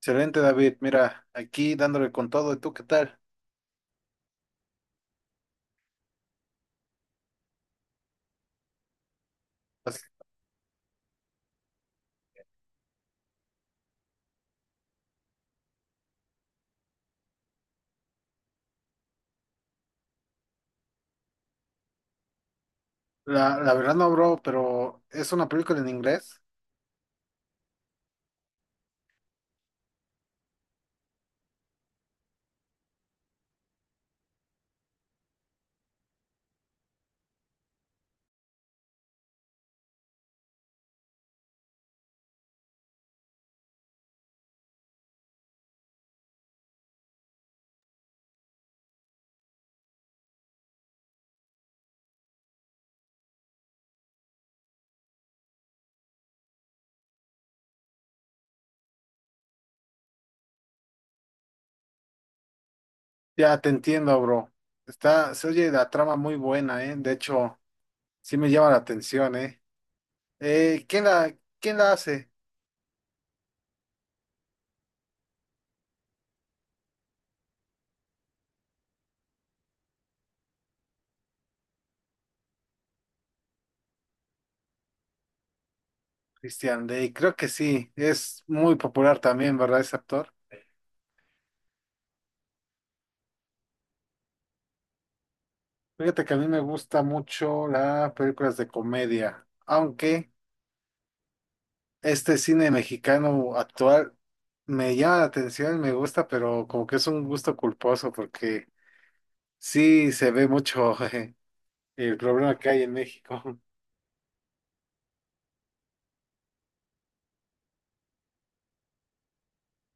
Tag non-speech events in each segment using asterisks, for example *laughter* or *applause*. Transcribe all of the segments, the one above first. Excelente, David. Mira, aquí dándole con todo. ¿Y tú qué tal? Pues la verdad no, bro, pero es una película en inglés. Ya te entiendo, bro. Está, se oye la trama muy buena, ¿eh? De hecho, sí me llama la atención, ¿eh? Eh, ¿quién la, quién la hace? Christian Day, creo que sí. Es muy popular también, ¿verdad? Ese actor. Fíjate que a mí me gusta mucho las películas de comedia, aunque este cine mexicano actual me llama la atención, me gusta, pero como que es un gusto culposo porque sí se ve mucho *laughs* el problema que hay en México. *laughs*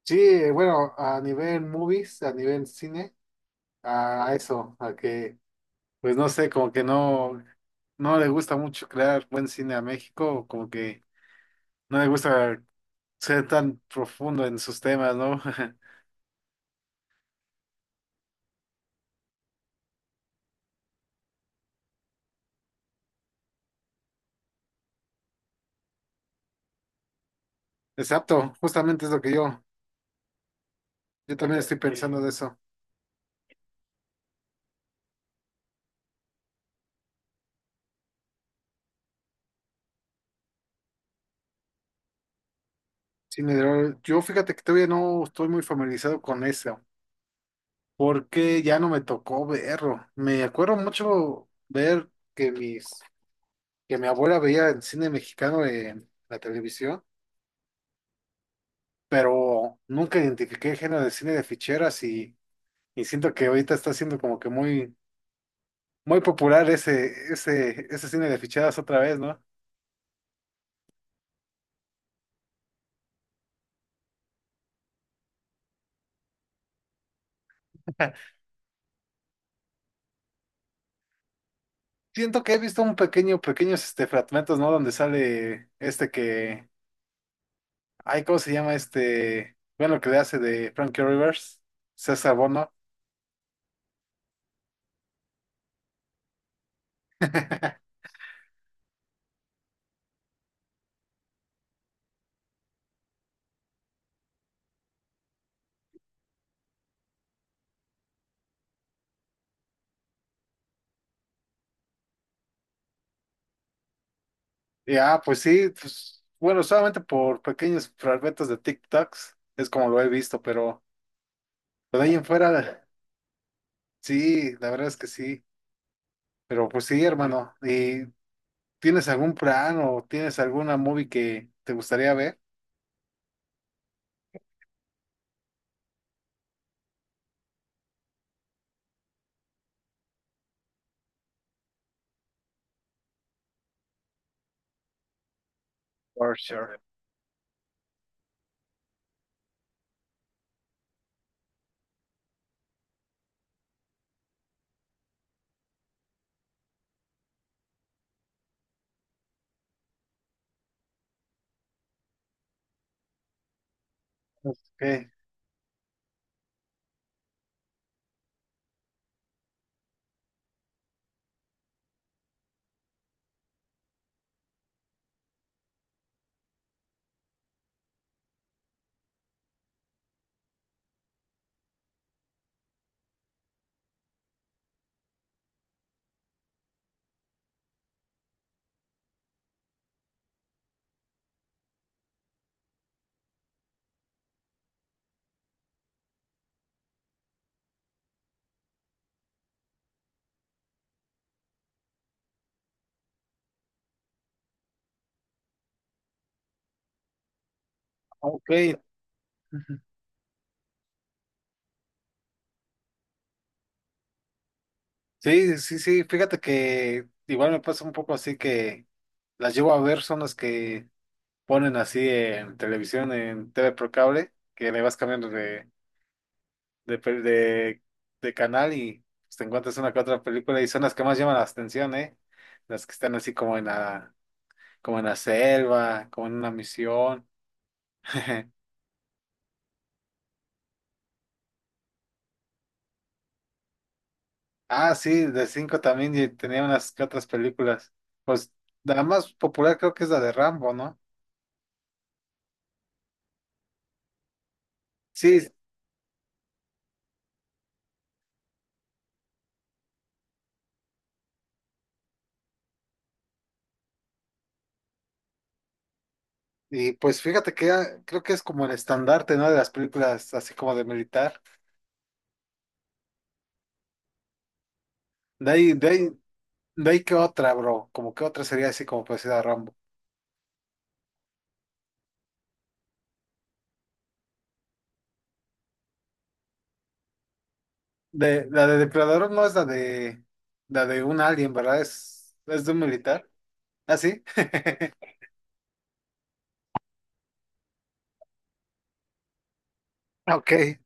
Sí, bueno, a nivel movies, a nivel cine, a eso, a que, pues no sé, como que no, no le gusta mucho crear buen cine a México, como que no le gusta ser tan profundo en sus temas, ¿no? *laughs* Exacto, justamente es lo que yo también estoy pensando de eso. Cine de horror. Yo fíjate que todavía no estoy muy familiarizado con eso, porque ya no me tocó verlo. Me acuerdo mucho ver que mis, que mi abuela veía el cine mexicano en la televisión, pero nunca identifiqué el género de cine de ficheras, y siento que ahorita está siendo como que muy popular ese cine de ficheras otra vez, ¿no? Siento que he visto un pequeños fragmentos, ¿no? Donde sale este que, ay, ¿cómo se llama este? Bueno, lo que le hace de Frankie Rivers, César Bono. *laughs* Y pues sí, pues, bueno, solamente por pequeños fragmentos de TikToks, es como lo he visto, pero de ahí en fuera, sí, la verdad es que sí. Pero pues sí, hermano, ¿y tienes algún plan o tienes alguna movie que te gustaría ver? For sure. Ok, ok. Ujú. Sí, sí, sí, fíjate que igual me pasa un poco así que las llevo a ver son las que ponen así en televisión, en TV por cable, que le vas cambiando de, pel- de, de canal y pues, te encuentras una que otra película y son las que más llaman la atención, ¿eh? Las que están así como en la selva, como en una misión. *laughs* Ah, sí, de cinco también y tenía unas que otras películas. Pues la más popular creo que es la de Rambo, ¿no? Sí, y pues fíjate que creo que es como el estandarte, ¿no? De las películas así como de militar. De ahí, de ahí De ahí que otra, bro. Como que otra sería así como parecida a Rambo. La de Depredador, ¿no es la de un alien, verdad? Es de un militar. ¿Ah, sí? Ok.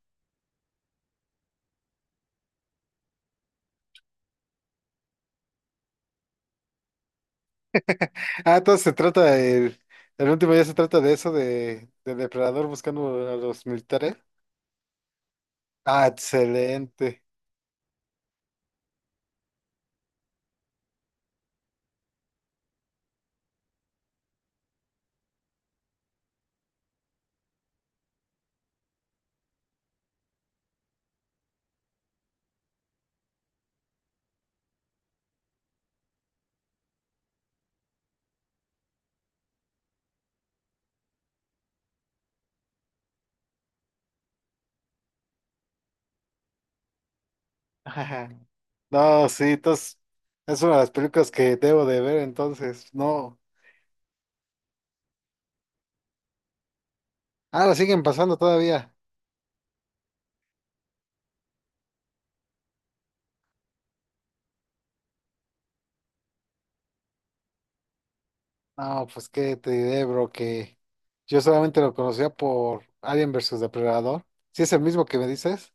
Ah, entonces se trata del el último ya se trata de eso, de depredador buscando a los militares. Ah, excelente. Ajá. No, sí, entonces es una de las películas que debo de ver entonces. No. Ah, la siguen pasando todavía. No, pues qué te diré, bro, que yo solamente lo conocía por Alien versus Depredador. Sí es el mismo que me dices,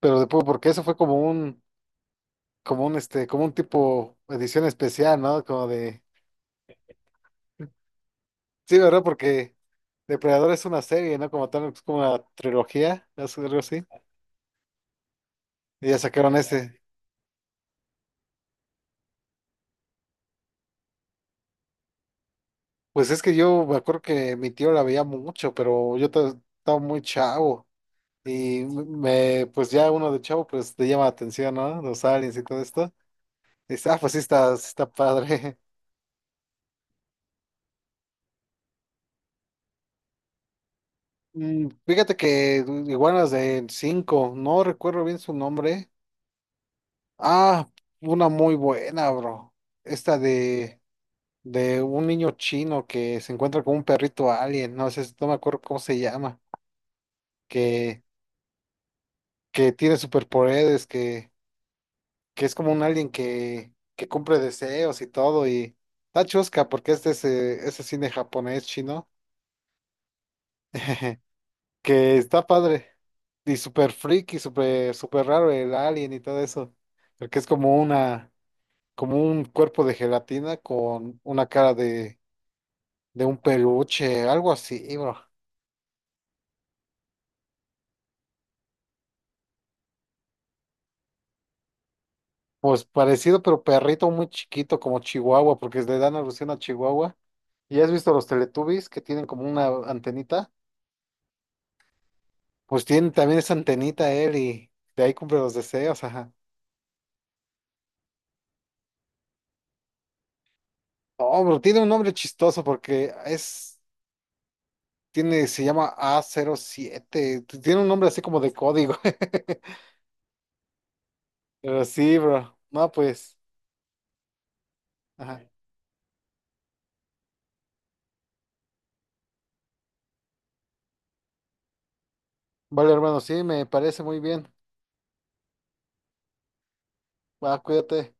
pero después porque eso fue como un como un tipo edición especial, ¿no? Como de, sí, ¿verdad? Porque Depredador es una serie, ¿no? Como tal, es como una trilogía, es algo así. Y ya sacaron ese. Pues es que yo me acuerdo que mi tío la veía mucho, pero yo estaba muy chavo. Y me, pues ya uno de chavo, pues te llama la atención, ¿no? Los aliens y todo esto. Dice, ah, pues sí está padre. *laughs* Fíjate que iguanas de 5 no recuerdo bien su nombre. Ah, una muy buena, bro. Esta de un niño chino que se encuentra con un perrito alien, no sé, no me acuerdo cómo se llama, que, que tiene superpoderes, que es como un alien que cumple deseos y todo, y está chusca porque este es, de ese es cine japonés chino. *laughs* Que está padre. Y súper freaky, súper raro el alien y todo eso. Porque es como una, como un cuerpo de gelatina con una cara de un peluche, algo así, bro. Pues parecido, pero perrito muy chiquito, como Chihuahua, porque le dan alusión a Chihuahua. ¿Y has visto los Teletubbies que tienen como una antenita? Pues tiene también esa antenita él y de ahí cumple los deseos, ajá. Oh, bro, tiene un nombre chistoso porque es. Tiene, se llama A07. Tiene un nombre así como de código. *laughs* Pero sí, bro. No, pues. Ajá. Vale, hermano, sí, me parece muy bien. Va, cuídate.